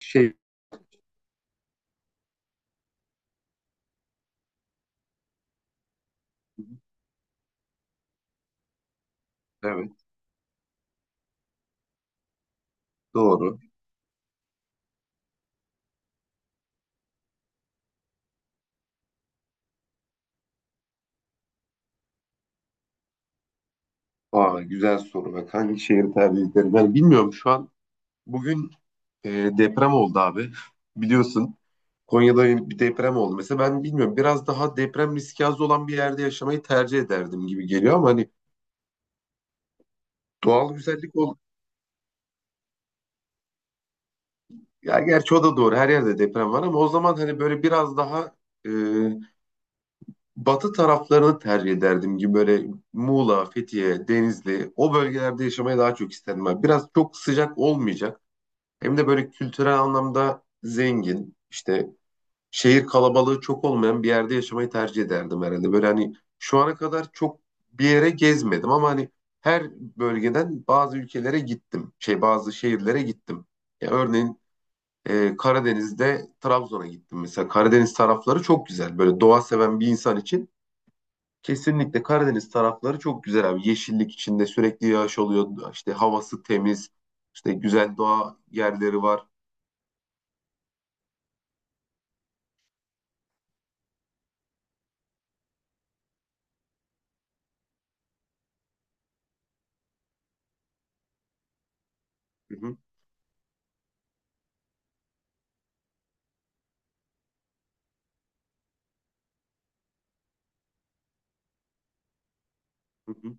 Şey, evet doğru. Aa, güzel soru. Bak hangi şehir tercih ederim? Yani bilmiyorum şu an. Bugün e, deprem oldu abi. Biliyorsun Konya'da yeni bir deprem oldu. Mesela ben bilmiyorum biraz daha deprem riski az olan bir yerde yaşamayı tercih ederdim gibi geliyor ama hani doğal güzellik ol. Ya gerçi o da doğru. Her yerde deprem var ama o zaman hani böyle biraz daha e, batı taraflarını tercih ederdim gibi böyle Muğla, Fethiye, Denizli o bölgelerde yaşamayı daha çok isterdim. Abi. Biraz çok sıcak olmayacak. Hem de böyle kültürel anlamda zengin, işte şehir kalabalığı çok olmayan bir yerde yaşamayı tercih ederdim herhalde. Böyle hani şu ana kadar çok bir yere gezmedim ama hani her bölgeden bazı ülkelere gittim. Şey bazı şehirlere gittim. Ya örneğin Karadeniz'de Trabzon'a gittim mesela. Karadeniz tarafları çok güzel. Böyle doğa seven bir insan için kesinlikle Karadeniz tarafları çok güzel abi. Yeşillik içinde sürekli yağış oluyor. İşte havası temiz. İşte güzel doğa yerleri var. Hı hı, hı hı.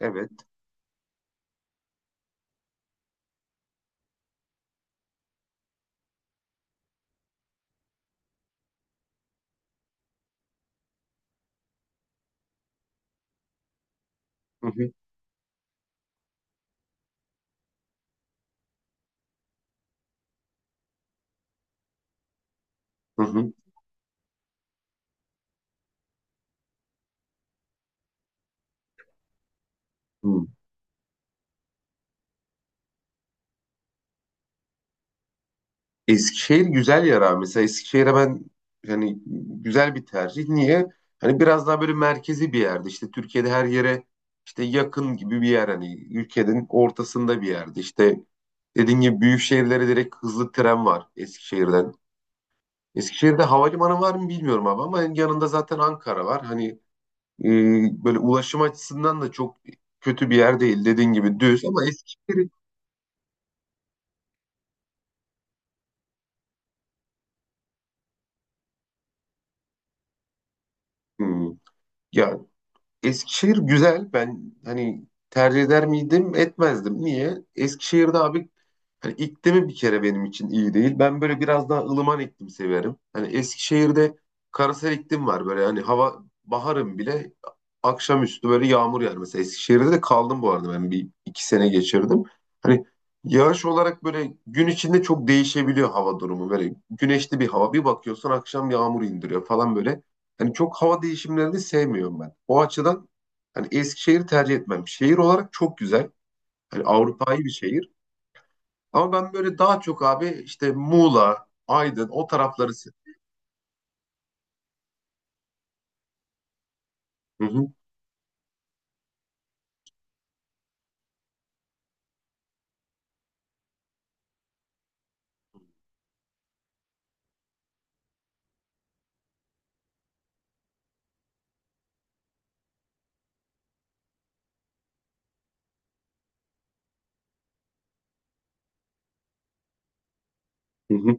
Evet. Hı hı. Hı hı. Hı. Eskişehir güzel yer abi. Mesela Eskişehir'e ben hani güzel bir tercih. Niye? Hani biraz daha böyle merkezi bir yerde. İşte Türkiye'de her yere işte yakın gibi bir yer. Hani ülkenin ortasında bir yerde. İşte dediğim gibi büyük şehirlere direkt hızlı tren var Eskişehir'den. Eskişehir'de havalimanı var mı bilmiyorum abi ama yanında zaten Ankara var. Hani e, böyle ulaşım açısından da çok kötü bir yer değil. Dediğin gibi düz ama Eskişehir. Hmm. Ya Eskişehir güzel. Ben hani tercih eder miydim? Etmezdim. Niye? Eskişehir'de abi. Hani iklimi bir kere benim için iyi değil. Ben böyle biraz daha ılıman iklim severim. Hani Eskişehir'de karasal iklim var böyle hani hava baharın bile akşamüstü böyle yağmur yağar. Mesela Eskişehir'de de kaldım bu arada ben bir iki sene geçirdim. Hani yağış olarak böyle gün içinde çok değişebiliyor hava durumu. Böyle güneşli bir hava bir bakıyorsun akşam yağmur indiriyor falan böyle. Hani çok hava değişimlerini sevmiyorum ben. O açıdan hani Eskişehir'i tercih etmem. Şehir olarak çok güzel. Hani Avrupa'yı bir şehir. Ama ben böyle daha çok abi işte Muğla, Aydın o tarafları se- Hı hı, hı hı.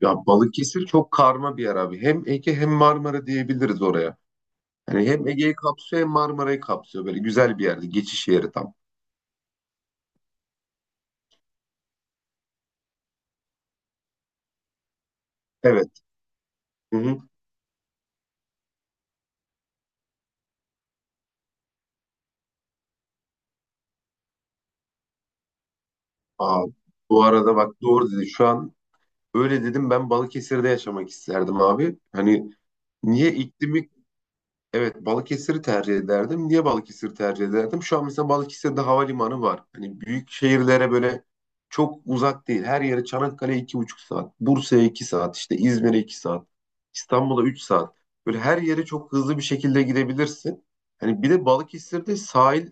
Ya Balıkesir çok karma bir yer abi. Hem Ege hem Marmara diyebiliriz oraya. Yani hem Ege'yi kapsıyor hem Marmara'yı kapsıyor. Böyle güzel bir yerde. Geçiş yeri tam. Evet. Hı hı. Aa, bu arada bak doğru dedi. Şu an öyle dedim ben Balıkesir'de yaşamak isterdim abi. Hani niye iklimi. Evet, Balıkesir'i tercih ederdim. Niye Balıkesir'i tercih ederdim? Şu an mesela Balıkesir'de havalimanı var. Hani büyük şehirlere böyle çok uzak değil. Her yere Çanakkale 2,5 saat, Bursa'ya 2 saat, işte İzmir'e 2 saat, İstanbul'a 3 saat. Böyle her yere çok hızlı bir şekilde gidebilirsin. Hani bir de Balıkesir'de sahil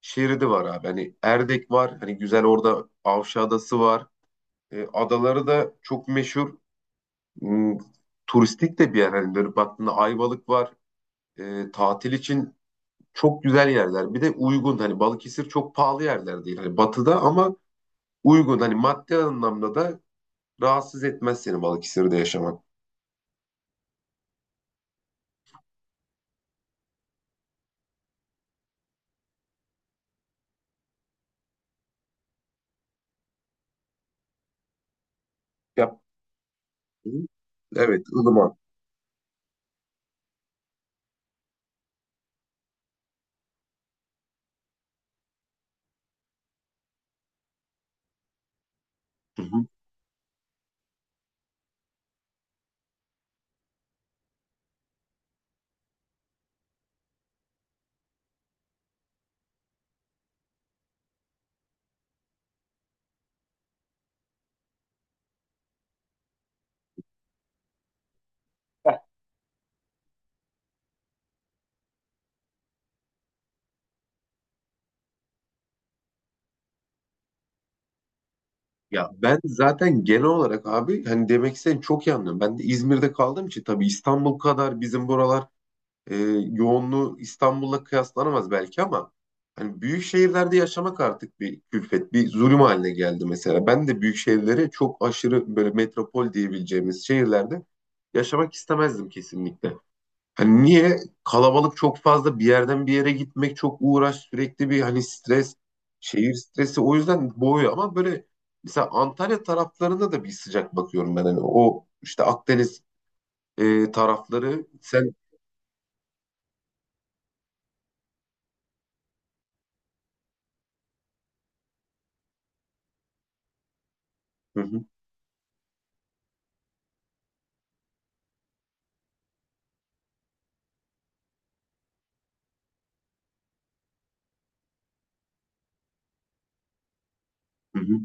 şeridi var abi. Hani Erdek var. Hani güzel orada Avşa Adası var. Adaları da çok meşhur. Hmm, Turistik de bir yer. Hani böyle baktığında Ayvalık var. Tatil için çok güzel yerler. Bir de uygun hani Balıkesir çok pahalı yerler değil. Hani batıda ama uygun hani maddi anlamda da rahatsız etmez seni Balıkesir'de yaşamak. Ya, evet ılıman. Hı hı. Ya ben zaten genel olarak abi hani demek istediğini çok iyi anlıyorum. Ben de İzmir'de kaldığım için tabii İstanbul kadar bizim buralar e, yoğunluğu İstanbul'la kıyaslanamaz belki ama hani büyük şehirlerde yaşamak artık bir külfet, bir zulüm haline geldi mesela. Ben de büyük şehirleri çok aşırı böyle metropol diyebileceğimiz şehirlerde yaşamak istemezdim kesinlikle. Hani niye? Kalabalık çok fazla bir yerden bir yere gitmek çok uğraş sürekli bir hani stres, şehir stresi o yüzden boğuyor ama böyle mesela Antalya taraflarına da bir sıcak bakıyorum ben hani o işte Akdeniz tarafları sen Hı hı, hı hı.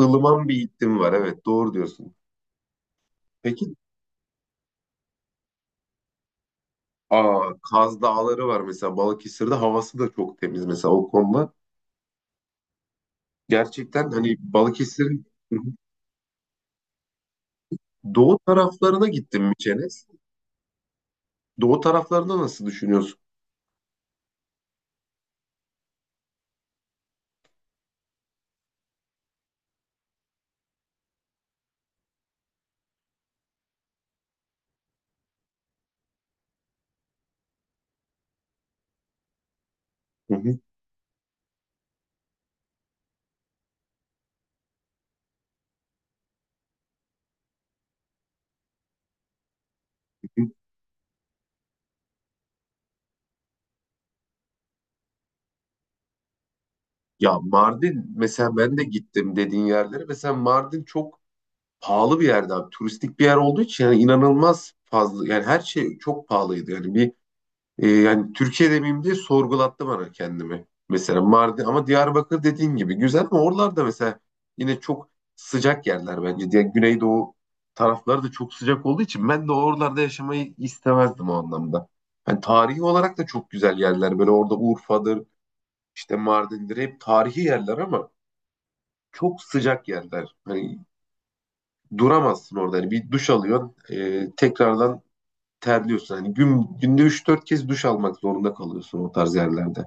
ılıman bir iklim var. Evet, doğru diyorsun. Peki, aa, Kaz Dağları var mesela Balıkesir'de havası da çok temiz mesela o konuda. Gerçekten hani Balıkesir'in. Hı hı. Doğu taraflarına gittim mi Çenes? Doğu taraflarında nasıl düşünüyorsun? Hı, hı hı. Ya Mardin mesela ben de gittim dediğin yerlere. Mesela Mardin çok pahalı bir yerde abi. Turistik bir yer olduğu için yani inanılmaz fazla yani her şey çok pahalıydı. Yani bir. Yani Türkiye demeyeyim diye sorgulattı bana kendimi. Mesela Mardin ama Diyarbakır dediğin gibi güzel ama oralarda mesela yine çok sıcak yerler bence. Diye Güneydoğu tarafları da çok sıcak olduğu için ben de oralarda yaşamayı istemezdim o anlamda. Yani tarihi olarak da çok güzel yerler. Böyle orada Urfa'dır, işte Mardin'dir hep tarihi yerler ama çok sıcak yerler. Hani duramazsın orada. Hani bir duş alıyorsun, tekrardan terliyorsun. Hani günde 3-4 kez duş almak zorunda kalıyorsun o tarz yerlerde.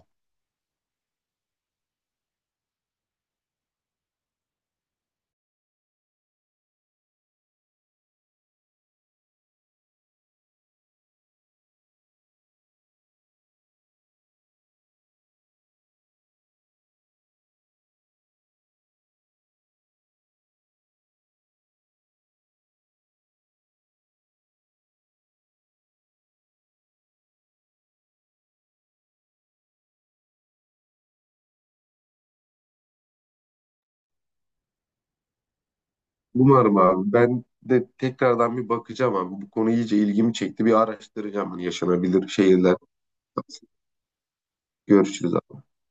Umarım abi. Ben de tekrardan bir bakacağım abi. Bu konu iyice ilgimi çekti. Bir araştıracağım hani yaşanabilir şehirler. Görüşürüz abi.